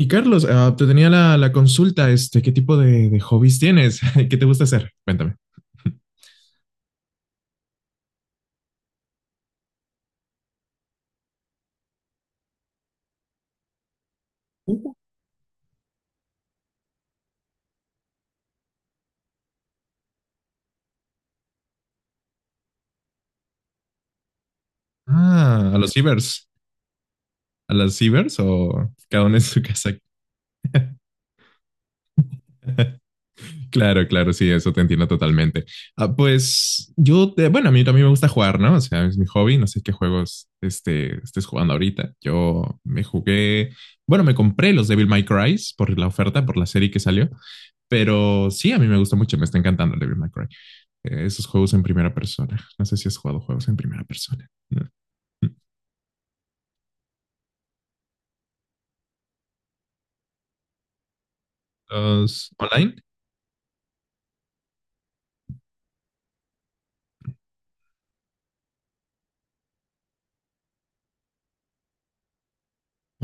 Y Carlos, te tenía la consulta, este, ¿qué tipo de hobbies tienes? ¿Qué te gusta hacer? Cuéntame. Uh. A los cibers a las cibers o cada uno en su casa. Claro, claro, sí, eso te entiendo totalmente. Pues yo, bueno, a mí también me gusta jugar, ¿no? O sea, es mi hobby, no sé qué juegos este, estés jugando ahorita. Yo me jugué, bueno, me compré los Devil May Cry por la oferta, por la serie que salió, pero sí, a mí me gusta mucho, me está encantando el Devil May Cry. Esos juegos en primera persona, no sé si has jugado juegos en primera persona, ¿no? ¿Los online?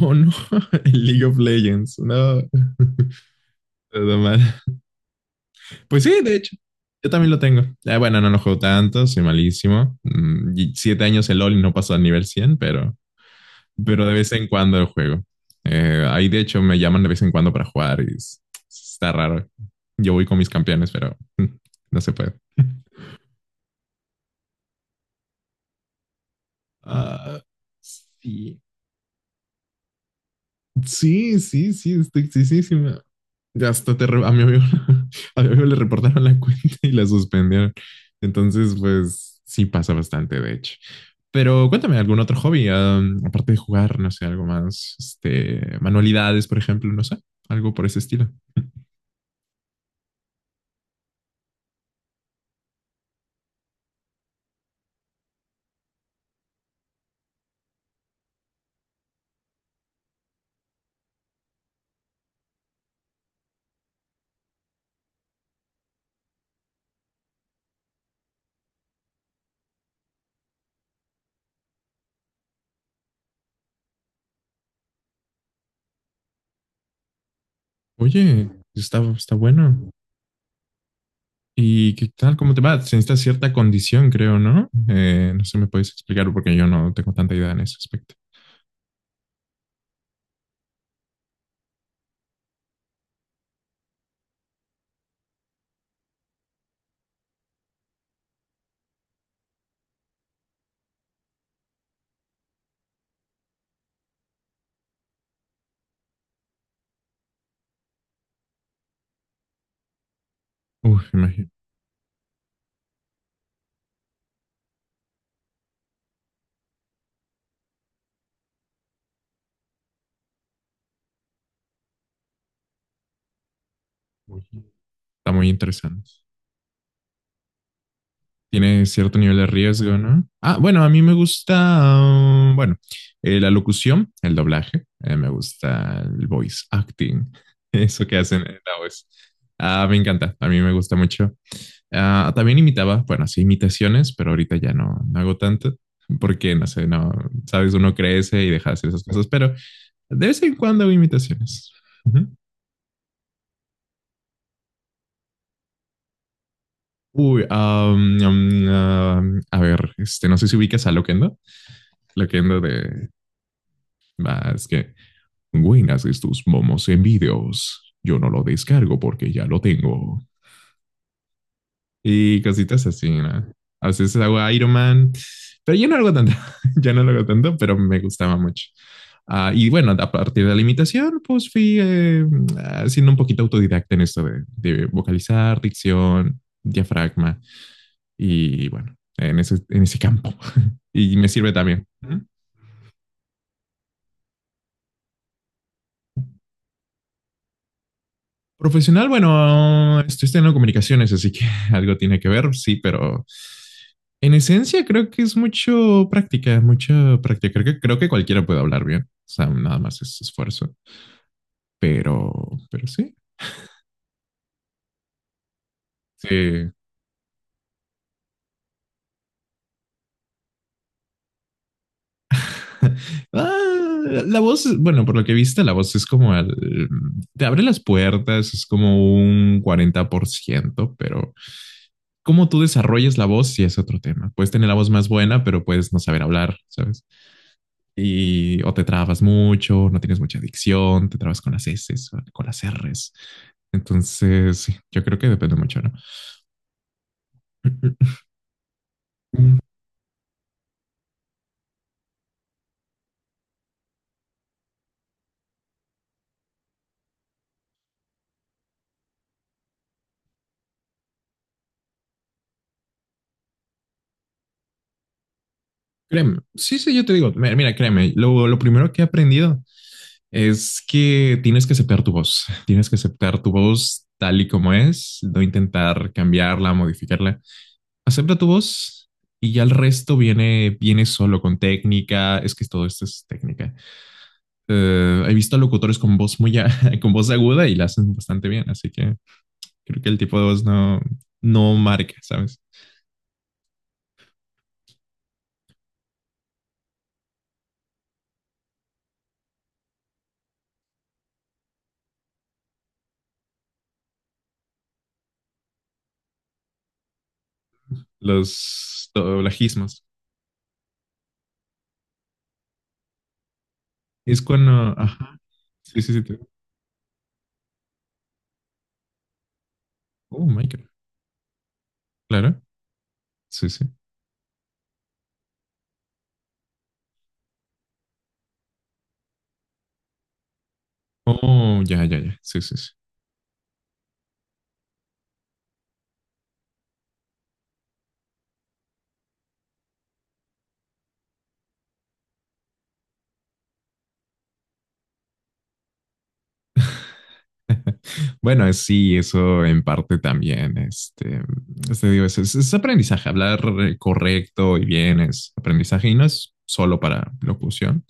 Oh, no, el League of Legends, no, todo mal. Pues sí, de hecho. Yo también lo tengo. Ya, bueno, no lo juego tanto, soy malísimo. Y 7 años el LOL y no paso al nivel 100, pero de vez en cuando lo juego. Ahí de hecho me llaman de vez en cuando para jugar está raro. Yo voy con mis campeones, pero no se puede. Ah, sí. Sí, sí, sí, estoy tristísima. Ya hasta a mi amigo, a mi amigo le reportaron la cuenta y la suspendieron. Entonces, pues sí pasa bastante, de hecho. Pero cuéntame, ¿algún otro hobby? Aparte de jugar, no sé, algo más, este, manualidades, por ejemplo, no sé, algo por ese estilo. Oye, está bueno. ¿Y qué tal? ¿Cómo te va? Se necesita cierta condición, creo, ¿no? No sé, me puedes explicar porque yo no tengo tanta idea en ese aspecto. Uf, imagino. Uy, está muy interesante. Tiene cierto nivel de riesgo, ¿no? Bueno, a mí me gusta, bueno, la locución, el doblaje, me gusta el voice acting, eso que hacen en la voz. Me encanta, a mí me gusta mucho. También imitaba, bueno, sí, imitaciones, pero ahorita ya no, no hago tanto porque, no sé, no, sabes, uno crece y deja de hacer esas cosas, pero de vez en cuando hago imitaciones. Ujú. Uy, a ver, este, no sé si ubicas a Loquendo. Loquendo de, es que, buenas estos momos en vídeos. Yo no lo descargo porque ya lo tengo. Y cositas así, ¿no? A veces hago Iron Man, pero yo no lo hago tanto, ya no lo hago tanto, pero me gustaba mucho. Y bueno, a partir de la imitación, pues fui siendo un poquito autodidacta en esto de vocalizar, dicción, diafragma y bueno, en ese campo. Y me sirve también. Profesional, bueno, estoy estudiando comunicaciones, así que algo tiene que ver, sí, pero en esencia creo que es mucho práctica, mucha práctica. Creo que cualquiera puede hablar bien, o sea, nada más es esfuerzo, pero, pero sí. Sí. La voz, bueno, por lo que viste, la voz es como el, te abre las puertas, es como un 40%, pero cómo tú desarrollas la voz sí es otro tema. Puedes tener la voz más buena, pero puedes no saber hablar, ¿sabes? Y o te trabas mucho, no tienes mucha adicción, te trabas con las S, con las erres. Entonces, sí, yo creo que depende mucho, ¿no? Créeme, sí, sí, yo te digo, mira, mira, créeme, lo primero que he aprendido es que tienes que aceptar tu voz, tienes que aceptar tu voz tal y como es, no intentar cambiarla, modificarla. Acepta tu voz y ya el resto viene, viene solo con técnica, es que todo esto es técnica. He visto locutores con voz con voz aguda y la hacen bastante bien, así que creo que el tipo de voz no, no marca, ¿sabes? Los doblajismos. Es cuando, ajá. Sí, sí, sí. Oh, my God. Claro. Sí, sí. Oh, ya, ya, ya. Sí, sí, sí. Bueno, sí, eso en parte también, este digo, es aprendizaje, hablar correcto y bien es aprendizaje y no es solo para locución.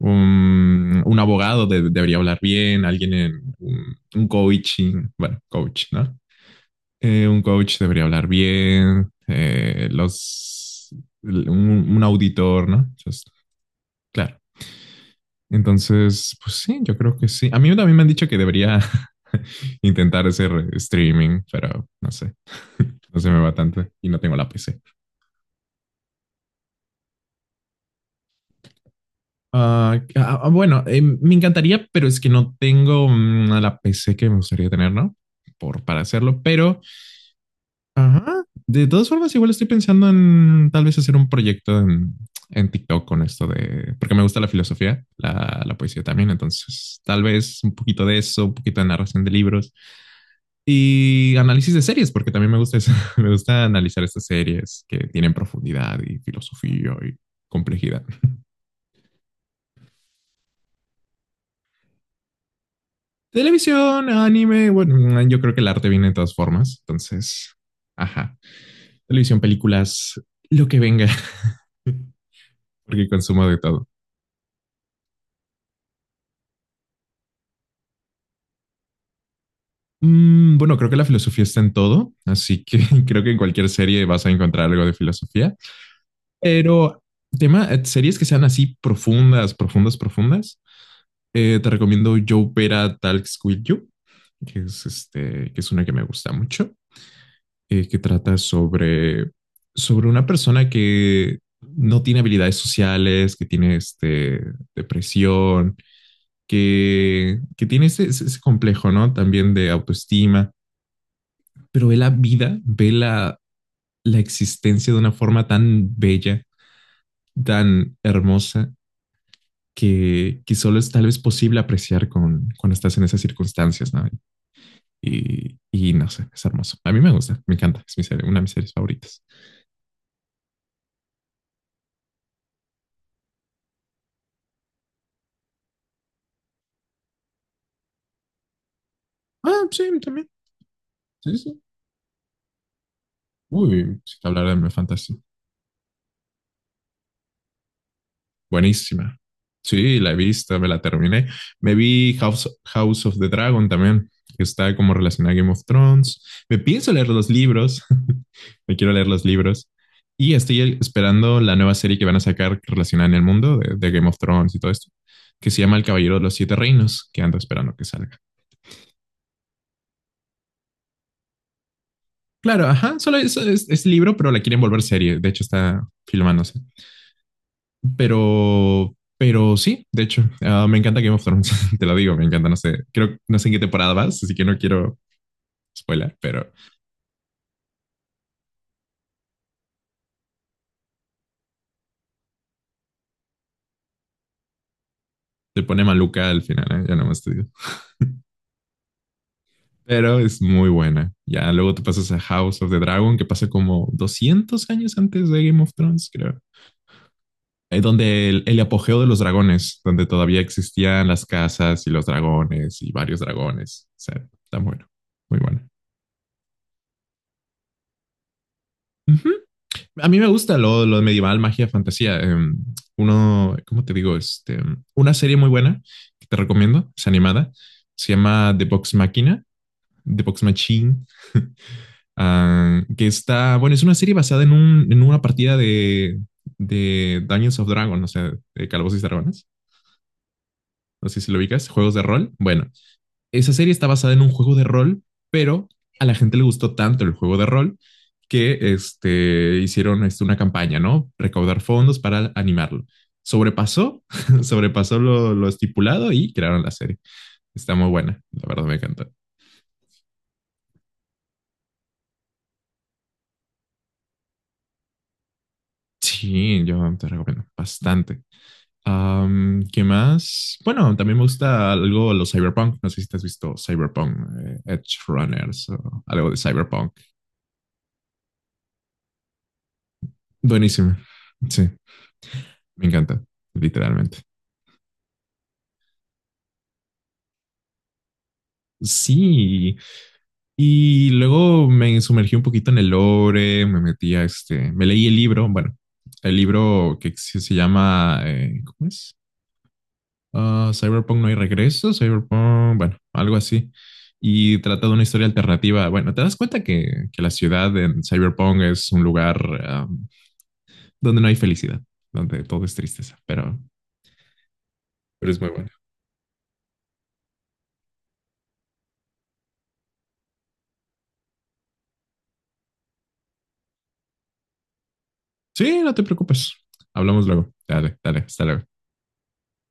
Un abogado debería hablar bien, alguien en un coaching, bueno, coach, ¿no? Un coach debería hablar bien, los, un, un auditor, ¿no? Entonces, claro. Entonces, pues sí, yo creo que sí. A mí también me han dicho que debería intentar hacer streaming, pero no sé. No se me va tanto y no tengo la PC. Bueno, me encantaría, pero es que no tengo a la PC que me gustaría tener, ¿no? Para hacerlo, pero ajá, de todas formas, igual estoy pensando en tal vez hacer un proyecto en TikTok con esto de, porque me gusta la filosofía, la poesía también, entonces tal vez un poquito de eso, un poquito de narración de libros y análisis de series, porque también me gusta eso, me gusta analizar estas series que tienen profundidad y filosofía y complejidad. Televisión, anime, bueno, yo creo que el arte viene de todas formas, entonces, ajá. Televisión, películas, lo que venga, porque consumo de todo. Bueno, creo que la filosofía está en todo, así que creo que en cualquier serie vas a encontrar algo de filosofía, pero tema, series que sean así profundas, profundas, profundas, te recomiendo Yo Vera Talks With You, que es, este, que es una que me gusta mucho. Que trata sobre una persona que no tiene habilidades sociales, que tiene este, depresión, que tiene ese, ese complejo, ¿no? También de autoestima, pero ve la vida, ve la existencia de una forma tan bella, tan hermosa, que solo es tal vez posible apreciar cuando estás en esas circunstancias, ¿no? Y no sé, es hermoso. A mí me gusta, me encanta, una de mis series favoritas. Sí, también. Sí, sí. Sí. Uy, sí que hablar de mi fantasía. Buenísima. Sí, la he visto, me la terminé. Me vi House of the Dragon también, que está como relacionada a Game of Thrones. Me pienso leer los libros. Me quiero leer los libros. Y estoy esperando la nueva serie que van a sacar relacionada en el mundo de Game of Thrones y todo esto, que se llama El Caballero de los Siete Reinos, que ando esperando que salga. Claro, ajá, solo es libro, pero la quieren volver serie. De hecho, está filmándose. Pero sí, de hecho, me encanta Game of Thrones, te lo digo, me encanta, no sé, creo, no sé en qué temporada vas, así que no quiero spoiler, pero te pone maluca al final, ¿eh? Ya nomás te digo. Pero es muy buena. Ya luego te pasas a House of the Dragon, que pasa como 200 años antes de Game of Thrones, creo. Es donde el apogeo de los dragones, donde todavía existían las casas y los dragones y varios dragones. O sea, está bueno, muy bueno. Ujú. A mí me gusta lo medieval, magia, fantasía. Uno, ¿cómo te digo? Este, una serie muy buena que te recomiendo, es animada, se llama The Box Machine, que está, bueno, es una serie basada en una partida de Dungeons of Dragon, o sea, de Calabozos y Dragones. No sé si lo ubicas, juegos de rol. Bueno, esa serie está basada en un juego de rol, pero a la gente le gustó tanto el juego de rol que este, hicieron este, una campaña, ¿no? Recaudar fondos para animarlo. Sobrepasó, sobrepasó lo estipulado y crearon la serie. Está muy buena, la verdad me encanta. Sí, yo te recomiendo bastante. ¿Qué más? Bueno, también me gusta algo los cyberpunk. No sé si te has visto cyberpunk, Edge Runners o algo de cyberpunk. Buenísimo. Sí, me encanta, literalmente. Sí, y luego me sumergí un poquito en el lore, me metí a este, me leí el libro, bueno, el libro que se llama, ¿cómo es? Cyberpunk no hay regreso, Cyberpunk, bueno, algo así. Y trata de una historia alternativa. Bueno, te das cuenta que la ciudad en Cyberpunk es un lugar donde no hay felicidad, donde todo es tristeza, pero es muy bueno. Sí, no te preocupes. Hablamos luego. Dale, dale, hasta luego.